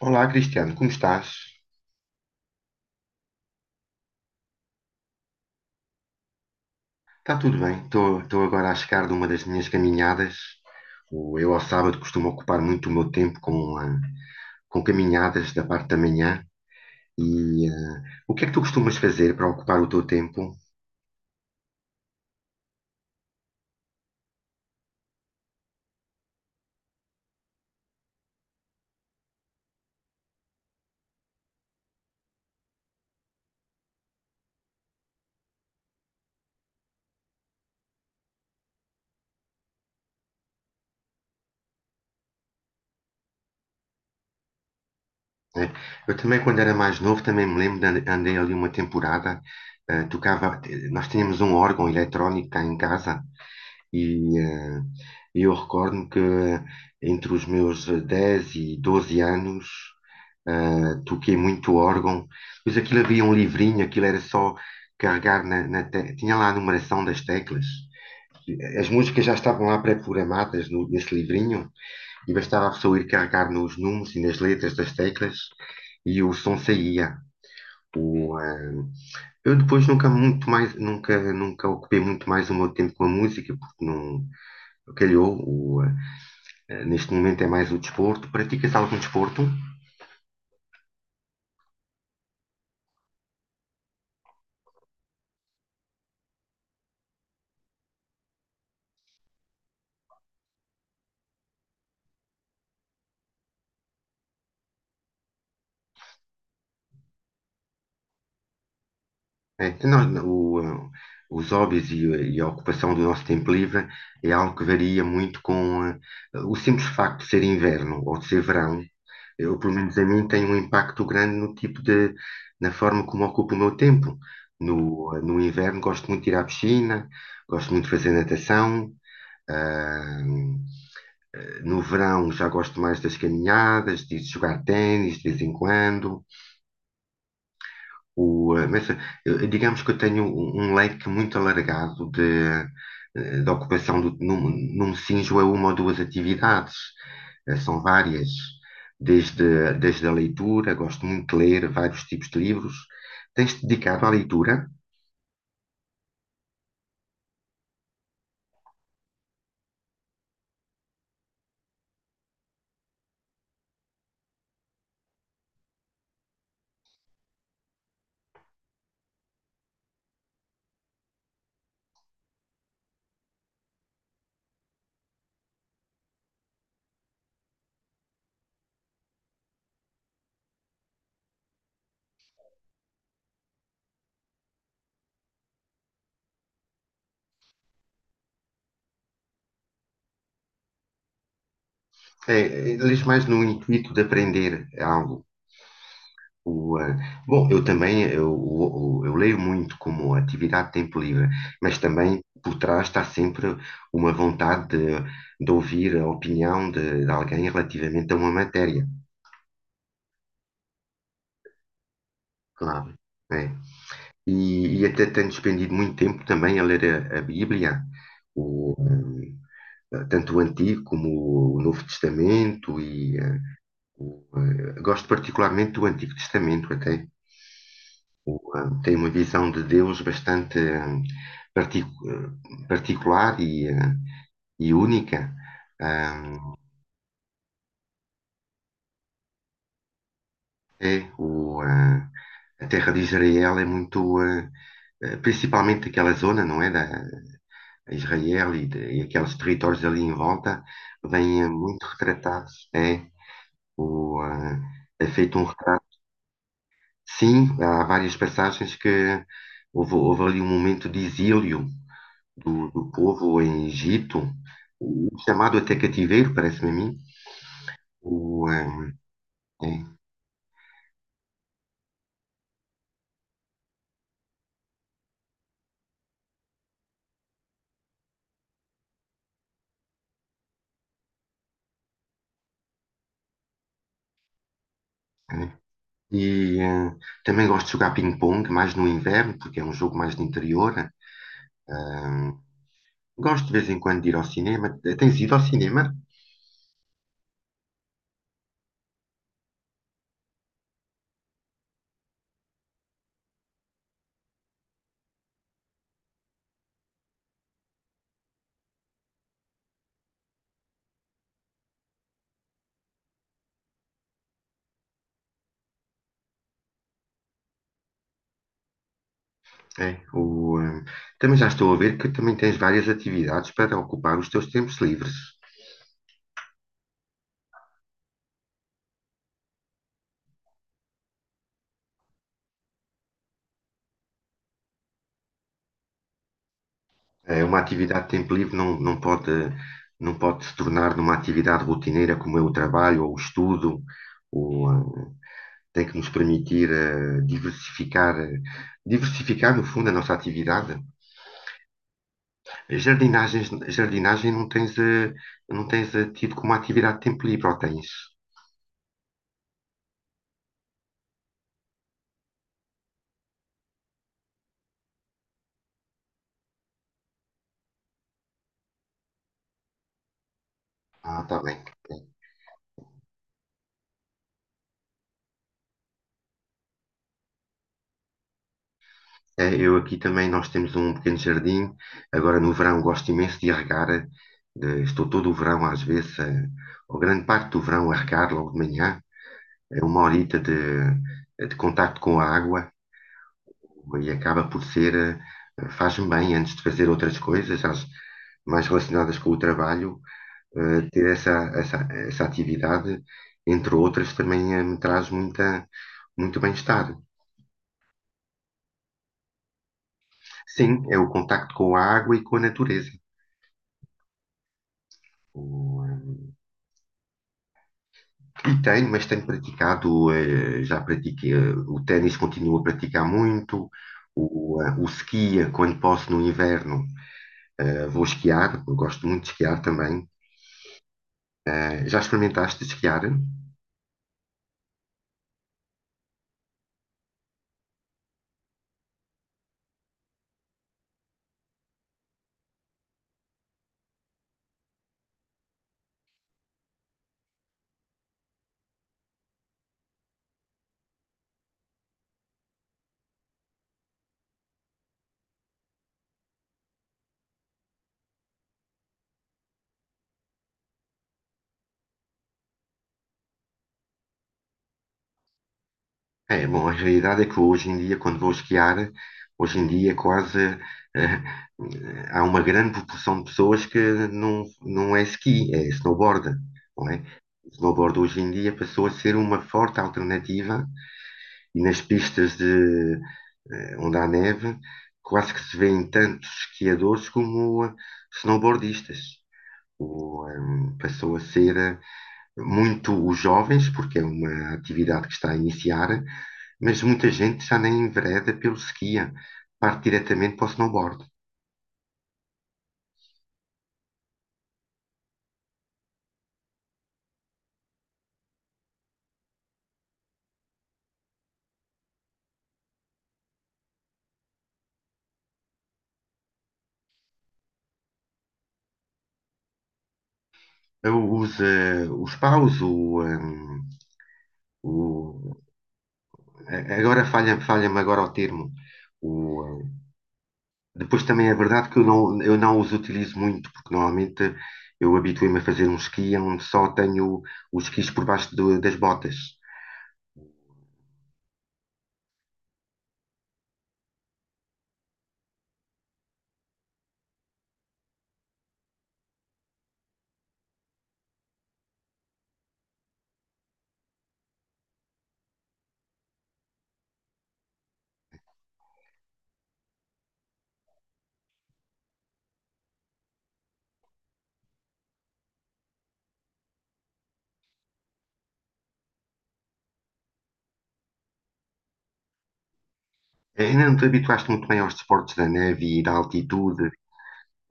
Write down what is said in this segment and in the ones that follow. Olá, Cristiano, como estás? Está tudo bem, estou agora a chegar de uma das minhas caminhadas. Eu, ao sábado, costumo ocupar muito o meu tempo com, com caminhadas da parte da manhã. E o que é que tu costumas fazer para ocupar o teu tempo? Né? Eu também, quando era mais novo, também me lembro de andei ali uma temporada. Tocava, nós tínhamos um órgão eletrónico cá em casa. E eu recordo-me que entre os meus 10 e 12 anos toquei muito órgão, pois aquilo havia um livrinho, aquilo era só carregar na tinha lá a numeração das teclas. As músicas já estavam lá pré-programadas nesse livrinho e bastava a pessoa ir carregar nos números e nas letras das teclas e o som saía. O, eh, eu depois nunca muito mais, nunca, nunca ocupei muito mais o meu tempo com a música, porque não, calhou. Neste momento é mais o desporto. Pratica-se algum desporto? É, os hobbies e a ocupação do nosso tempo livre é algo que varia muito com o simples facto de ser inverno ou de ser verão. Eu, pelo menos a mim, tem um impacto grande no tipo de, na forma como ocupo o meu tempo. No, no inverno gosto muito de ir à piscina, gosto muito de fazer natação. ah, No verão já gosto mais das caminhadas, de jogar ténis de vez em quando. Mas digamos que eu tenho um leque muito alargado de, de ocupação do, num Sinjo é uma ou duas atividades, são várias. Desde a leitura, gosto muito de ler vários tipos de livros. Tens-te dedicado à leitura? Lês mais no intuito de aprender algo? O, eh, Bom, eu também eu, o- eu leio muito como atividade de tempo livre, mas também por trás está sempre uma vontade de ouvir a opinião de alguém relativamente a uma matéria, claro. É e até tenho despendido muito tempo também a ler a Bíblia, o, tanto o Antigo como o Novo Testamento, e o, gosto particularmente do Antigo Testamento até. Tem uma visão de Deus bastante particular e única. Ah, é o, ah, a terra de Israel é muito, principalmente aquela zona, não é? Da, Israel e aqueles territórios ali em volta, vêm muito retratados. O, ah, É feito um retrato. Sim, há várias passagens que houve ali um momento de exílio do, do povo em Egito, o chamado até cativeiro, parece-me a mim. O, ah, é, É. E também gosto de jogar ping-pong, mais no inverno, porque é um jogo mais de interior. Ah, Gosto de vez em quando de ir ao cinema. Tens ido ao cinema? É, o, eh, Também já estou a ver que também tens várias atividades para ocupar os teus tempos livres. É, uma atividade de tempo livre não, não pode, não pode se tornar numa atividade rotineira como é o trabalho ou o estudo, ou, tem que nos permitir diversificar, diversificar no fundo a nossa atividade. Jardinagens, jardinagem não tens, não tens tido como atividade de tempo livre, ou tens? Ah, está bem. Ok. É, eu aqui também, nós temos um pequeno jardim. Agora no verão gosto imenso de regar. Eh, estou todo o verão, às vezes, ou grande parte do verão, a regar logo de manhã. É uma horita de contacto com a água e acaba por ser, faz-me bem antes de fazer outras coisas, mais relacionadas com o trabalho. Ter essa, essa, essa atividade, entre outras, também me traz muita, muito bem-estar. Sim, é o contacto com a água e com a natureza. eh, E tenho, mas tenho praticado, já pratiquei, o ténis continuo a praticar muito, o ski, quando posso no inverno, vou esquiar, eu gosto muito de esquiar também. Eh, já experimentaste esquiar? É, bom, a realidade é que hoje em dia, quando vou esquiar, hoje em dia quase há uma grande proporção de pessoas que não, não é ski, é snowboard, não é? O snowboard hoje em dia passou a ser uma forte alternativa. E nas pistas de, onde há neve, quase que se vêem tantos esquiadores como snowboardistas. Passou a ser muito os jovens, porque é uma atividade que está a iniciar, mas muita gente já nem envereda pelo skia, parte diretamente para o snowboard. Usa os os paus, o- agora falha, falha-me agora o termo, o. Depois também é verdade que eu não os utilizo muito, porque normalmente eu habituei-me a fazer um esqui onde só tenho os esquis por baixo das botas. Ainda não te habituaste muito bem aos desportos da neve e da altitude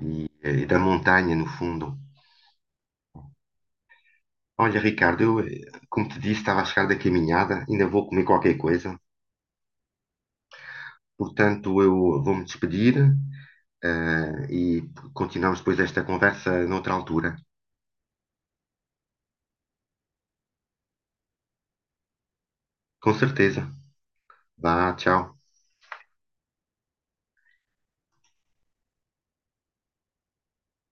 e, da montanha, no fundo. Olha, Ricardo, eu, como te disse, estava a chegar da caminhada, ainda vou comer qualquer coisa, portanto eu vou-me despedir, e continuamos depois esta conversa noutra altura. Com certeza. Vá, tchau.